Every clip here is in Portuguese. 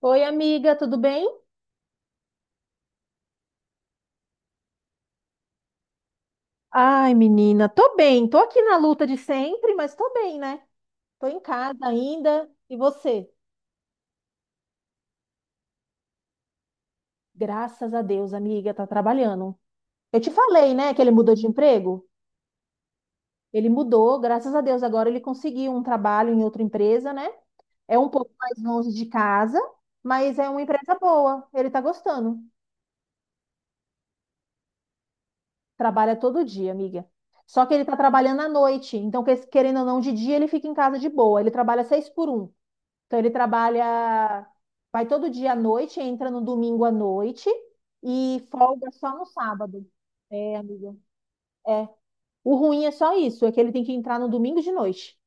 Oi, amiga, tudo bem? Ai, menina, tô bem, tô aqui na luta de sempre, mas tô bem, né? Tô em casa ainda. E você? Graças a Deus, amiga, tá trabalhando. Eu te falei, né, que ele mudou de emprego? Ele mudou, graças a Deus, agora ele conseguiu um trabalho em outra empresa, né? É um pouco mais longe de casa, mas é uma empresa boa. Ele tá gostando. Trabalha todo dia, amiga. Só que ele tá trabalhando à noite, então querendo ou não, de dia ele fica em casa de boa. Ele trabalha seis por um. Então ele trabalha, vai todo dia à noite, entra no domingo à noite e folga só no sábado. É, amiga. É. O ruim é só isso, é que ele tem que entrar no domingo de noite.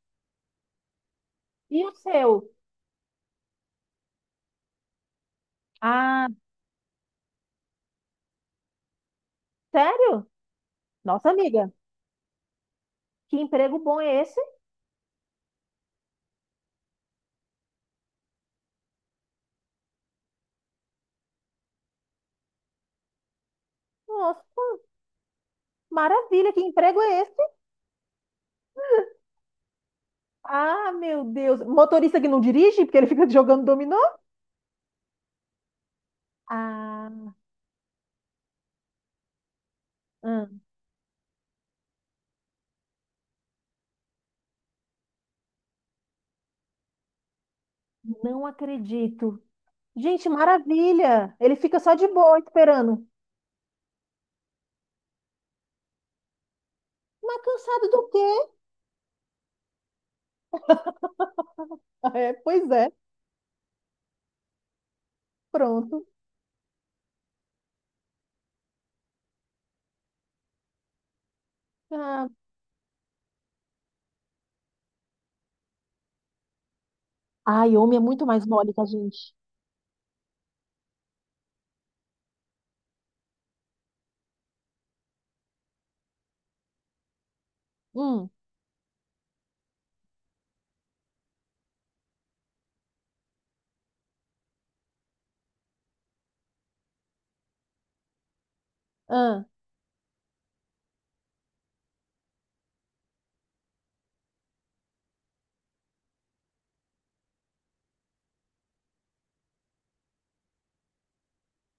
E o seu? Ah, sério? Nossa, amiga, que emprego bom é esse? Nossa, maravilha, que emprego é esse? Ah, meu Deus. Motorista que não dirige, porque ele fica jogando dominó? Ah, ah, não acredito. Gente, maravilha. Ele fica só de boa esperando. Mas cansado do quê? É, pois é, pronto. Ah, ai, homem é muito mais mole que a gente. Hum, ah,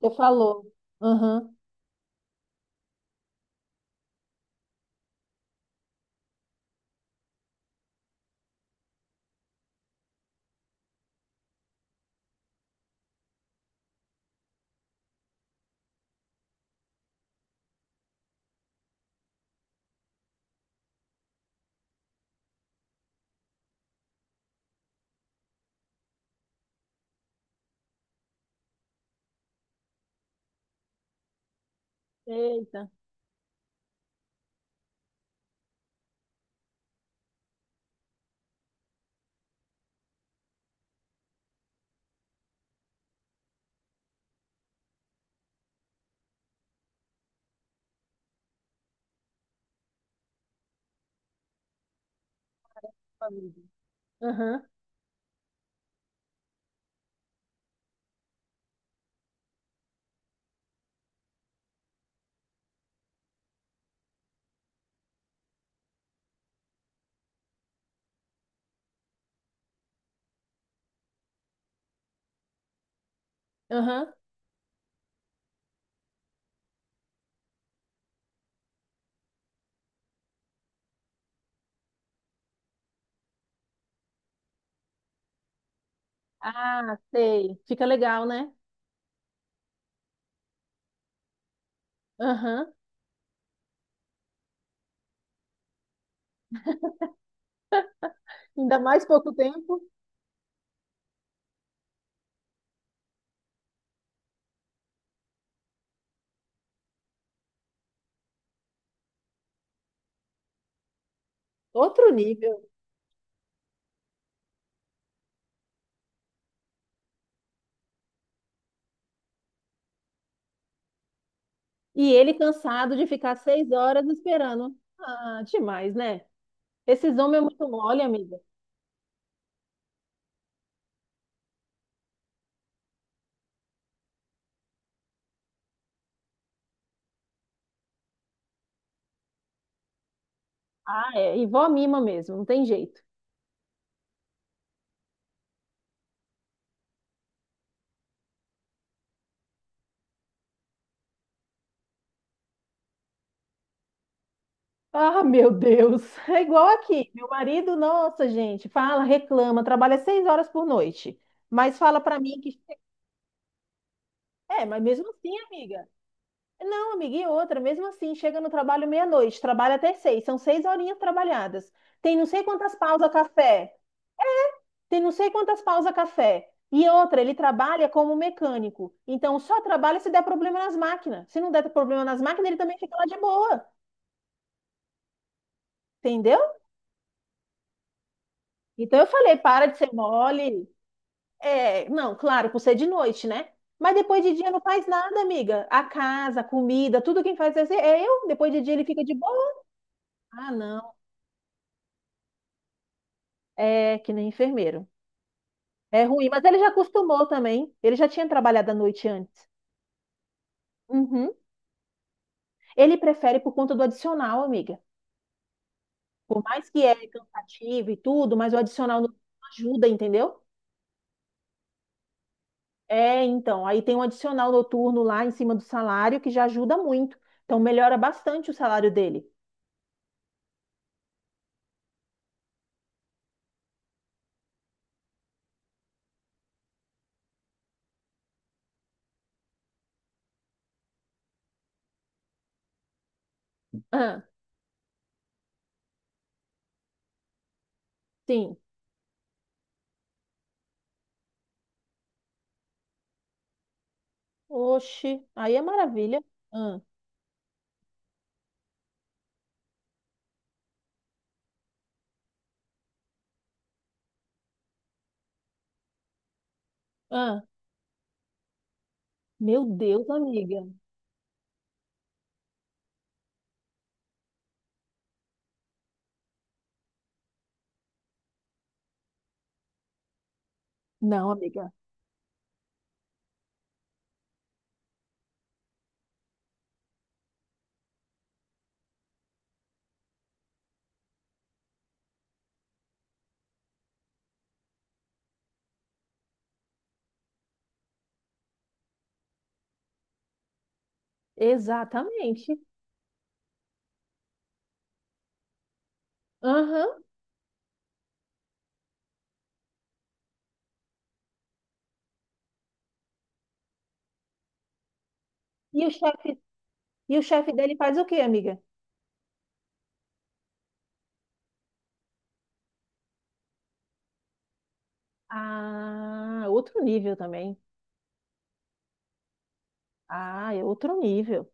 você falou. Aham. Eita, família. Aham, aham. Ah, sei. Fica legal, né? Aham. Ainda mais pouco tempo. Outro nível. E ele cansado de ficar seis horas esperando. Ah, demais, né? Esses homens é muito mole, amiga. Ah, é. E vó mima mesmo, não tem jeito. Ah, meu Deus. É igual aqui. Meu marido, nossa, gente, fala, reclama, trabalha seis horas por noite. Mas fala pra mim que. É, mas mesmo assim, amiga. Não, amiga, e outra, mesmo assim, chega no trabalho meia-noite, trabalha até seis, são seis horinhas trabalhadas. Tem não sei quantas pausas café, tem não sei quantas pausas café. E outra, ele trabalha como mecânico. Então, só trabalha se der problema nas máquinas. Se não der problema nas máquinas, ele também fica lá de boa, entendeu? Então, eu falei, para de ser mole. É, não, claro, por ser de noite, né? Mas depois de dia não faz nada, amiga. A casa, a comida, tudo quem faz é eu. Depois de dia ele fica de boa. Ah, não. É que nem enfermeiro. É ruim, mas ele já acostumou também. Ele já tinha trabalhado à noite antes. Uhum. Ele prefere por conta do adicional, amiga. Por mais que é cansativo e tudo, mas o adicional noturno ajuda, entendeu? É, então, aí tem um adicional noturno lá em cima do salário que já ajuda muito. Então melhora bastante o salário dele. Ah, sim. Oxi, aí é maravilha. Ah, ah, Meu Deus, amiga. Não, amiga. Exatamente. Aham. E o chefe, e o chefe dele faz o quê, amiga? Ah, outro nível também. Ah, é outro nível.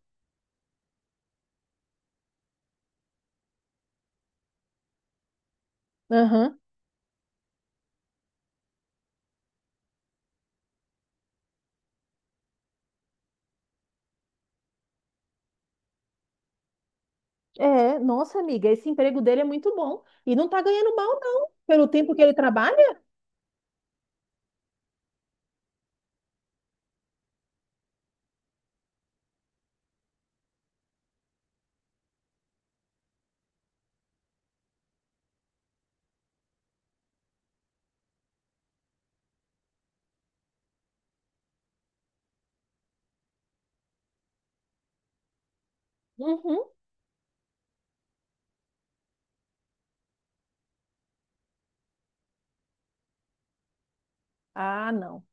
Aham. É, nossa, amiga, esse emprego dele é muito bom. E não tá ganhando mal, não, pelo tempo que ele trabalha. Uhum. Ah, não.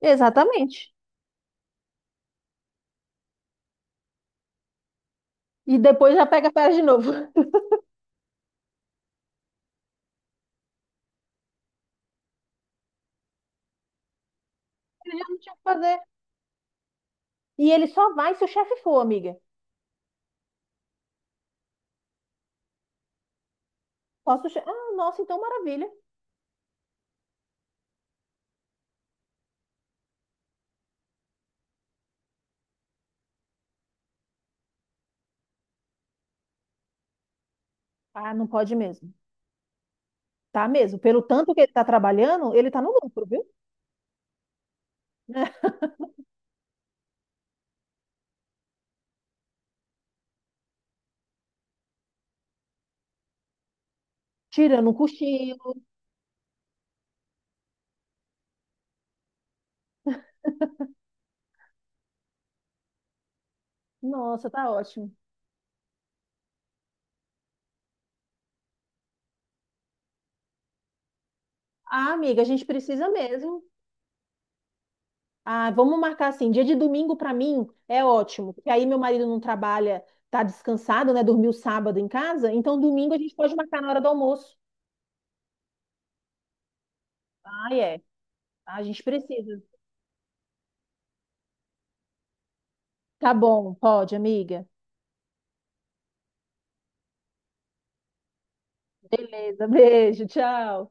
Exatamente. E depois já pega férias de novo. Ele já não tinha o que fazer. E ele só vai se o chefe for, amiga. Ah, nossa, então maravilha. Ah, não pode mesmo. Tá mesmo. Pelo tanto que ele tá trabalhando, ele tá no lucro, viu? Né? Tirando um cochilo. Nossa, tá ótimo. Ah, amiga, a gente precisa mesmo. Ah, vamos marcar assim, dia de domingo pra mim é ótimo, porque aí meu marido não trabalha, tá descansado, né? Dormiu sábado em casa, então domingo a gente pode marcar na hora do almoço. Ah, é. Ah, a gente precisa. Tá bom, pode, amiga. Beleza, beijo, tchau.